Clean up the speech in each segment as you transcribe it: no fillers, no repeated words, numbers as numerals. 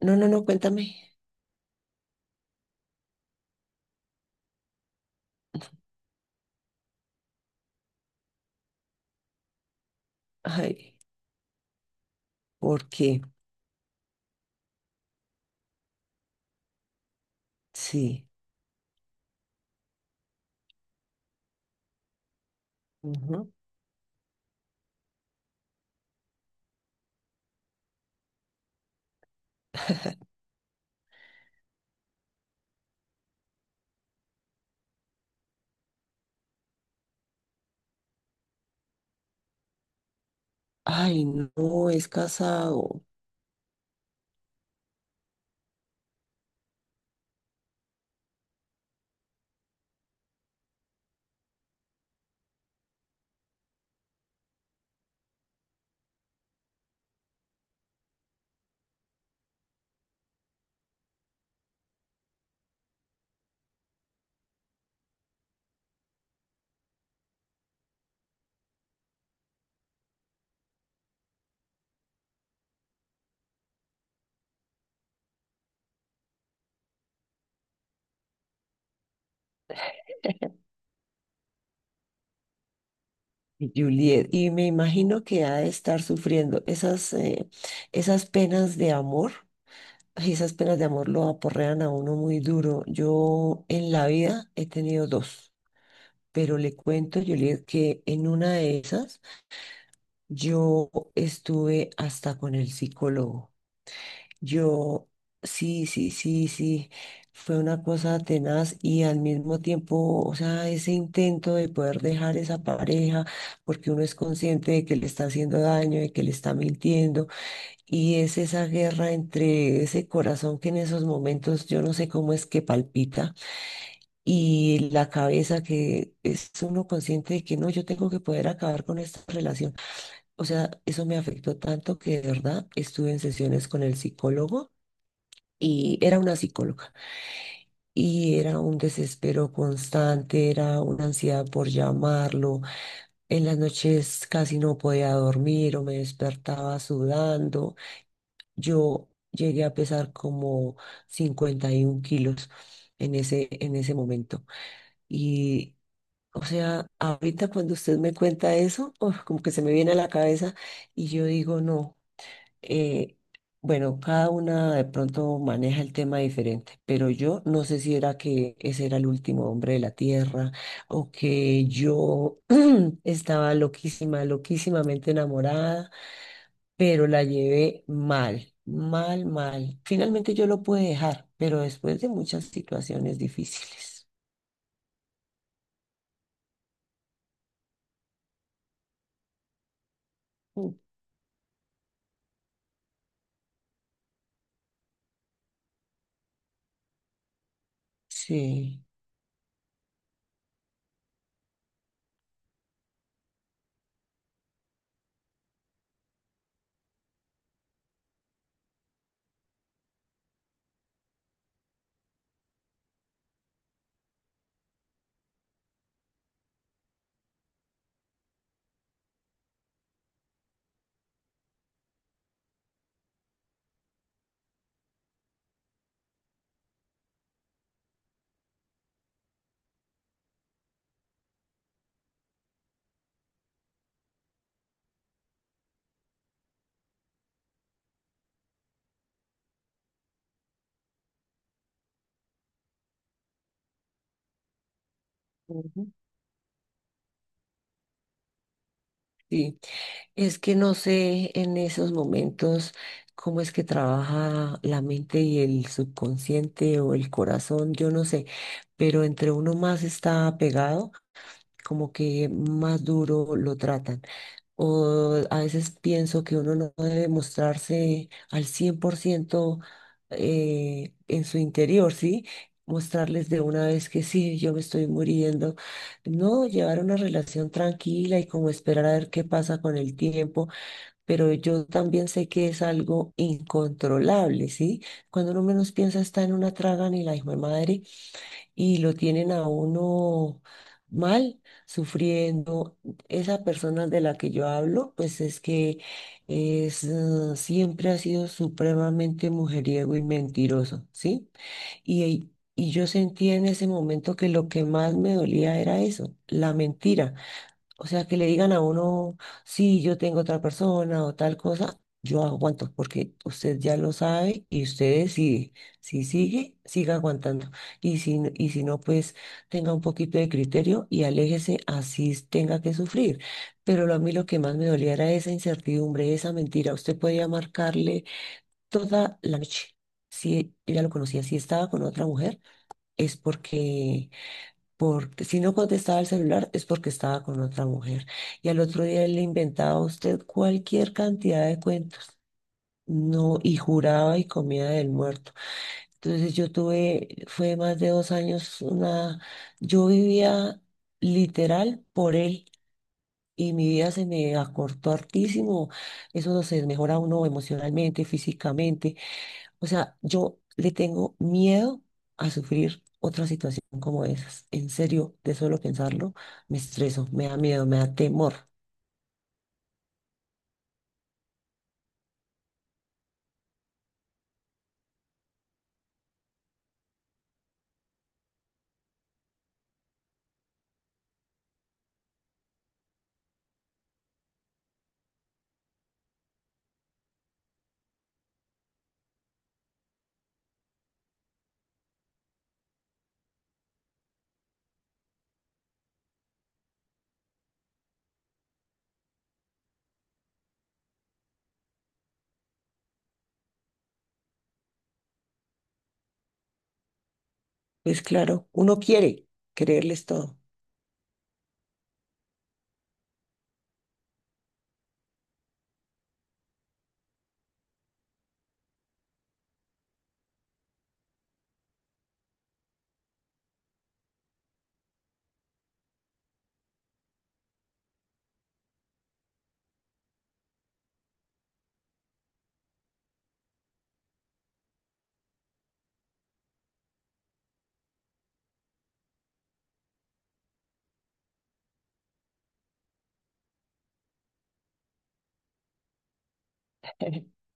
No, no, no, cuéntame. Ay, ¿por qué? Sí. Ujú. Ay, no, es casado, Juliet. Y me imagino que ha de estar sufriendo esas, esas penas de amor. Ay, esas penas de amor lo aporrean a uno muy duro. Yo en la vida he tenido dos, pero le cuento, Juliet, que en una de esas yo estuve hasta con el psicólogo. Yo, sí, sí, sí, sí, fue una cosa tenaz y al mismo tiempo, o sea, ese intento de poder dejar esa pareja, porque uno es consciente de que le está haciendo daño, de que le está mintiendo, y es esa guerra entre ese corazón que en esos momentos yo no sé cómo es que palpita y la cabeza que es uno consciente de que no, yo tengo que poder acabar con esta relación. O sea, eso me afectó tanto que de verdad estuve en sesiones con el psicólogo y era una psicóloga y era un desespero constante, era una ansiedad por llamarlo. En las noches casi no podía dormir o me despertaba sudando. Yo llegué a pesar como 51 kilos en en ese momento. Y, o sea, ahorita cuando usted me cuenta eso, uf, como que se me viene a la cabeza y yo digo, no, eh, bueno, cada una de pronto maneja el tema diferente, pero yo no sé si era que ese era el último hombre de la tierra o que yo estaba loquísima, loquísimamente enamorada, pero la llevé mal, mal, mal. Finalmente yo lo pude dejar, pero después de muchas situaciones difíciles. Mm. Sí. Ujú. Sí. Es que no sé en esos momentos cómo es que trabaja la mente y el subconsciente o el corazón, yo no sé, pero entre uno más está pegado, como que más duro lo tratan. O a veces pienso que uno no debe mostrarse al 100%, en su interior, ¿sí? Mostrarles de una vez que sí, yo me estoy muriendo. No, llevar una relación tranquila y como esperar a ver qué pasa con el tiempo, pero yo también sé que es algo incontrolable, ¿sí? Cuando uno menos piensa está en una traga ni la hijo de madre y lo tienen a uno mal, sufriendo. Esa persona de la que yo hablo, pues es que es, siempre ha sido supremamente mujeriego y mentiroso, ¿sí? Y yo sentía en ese momento que lo que más me dolía era eso, la mentira. O sea, que le digan a uno, sí, yo tengo otra persona o tal cosa, yo aguanto, porque usted ya lo sabe y usted decide. Si sigue, siga aguantando. Y si, y si no, pues tenga un poquito de criterio y aléjese, así tenga que sufrir. Pero a mí lo que más me dolía era esa incertidumbre, esa mentira. Usted podía marcarle toda la noche. Si ella lo conocía, si estaba con otra mujer, es porque, porque si no contestaba el celular es porque estaba con otra mujer. Y al otro día él le inventaba a usted cualquier cantidad de cuentos. No, y juraba y comía del muerto. Entonces yo tuve, fue más de 2 años, una, yo vivía literal por él y mi vida se me acortó hartísimo. Eso no se mejora uno emocionalmente, físicamente. O sea, yo le tengo miedo a sufrir otra situación como esas. En serio, de solo pensarlo, me estreso, me da miedo, me da temor. Pues claro, uno quiere creerles todo.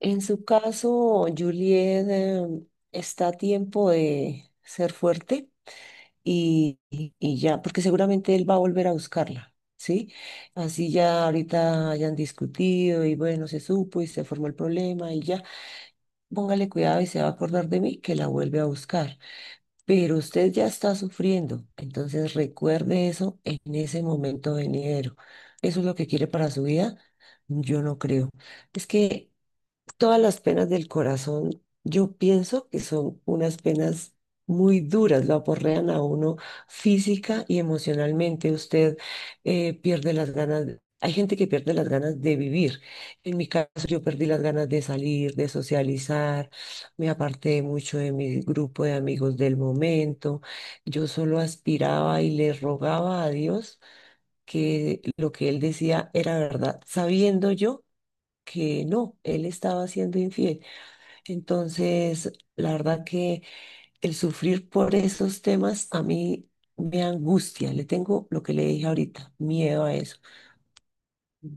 En su caso, Juliet, está a tiempo de ser fuerte y ya, porque seguramente él va a volver a buscarla, ¿sí? Así ya ahorita hayan discutido y bueno, se supo y se formó el problema y ya. Póngale cuidado y se va a acordar de mí que la vuelve a buscar. Pero usted ya está sufriendo, entonces recuerde eso en ese momento venidero. ¿Eso es lo que quiere para su vida? Yo no creo. Es que todas las penas del corazón, yo pienso que son unas penas muy duras, lo aporrean a uno física y emocionalmente. Usted, pierde las ganas, hay gente que pierde las ganas de vivir. En mi caso, yo perdí las ganas de salir, de socializar, me aparté mucho de mi grupo de amigos del momento. Yo solo aspiraba y le rogaba a Dios que lo que él decía era verdad, sabiendo yo que no, él estaba siendo infiel. Entonces, la verdad que el sufrir por esos temas a mí me angustia. Le tengo lo que le dije ahorita, miedo a eso. Mm.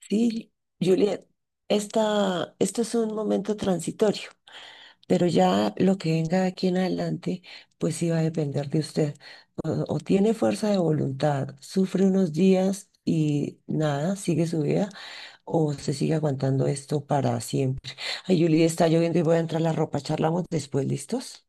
Sí, Juliet, esto es un momento transitorio, pero ya lo que venga de aquí en adelante, pues sí va a depender de usted. O tiene fuerza de voluntad, sufre unos días y nada, sigue su vida, o se sigue aguantando esto para siempre. Ay, Julie, está lloviendo y voy a entrar a la ropa. Charlamos después, ¿listos?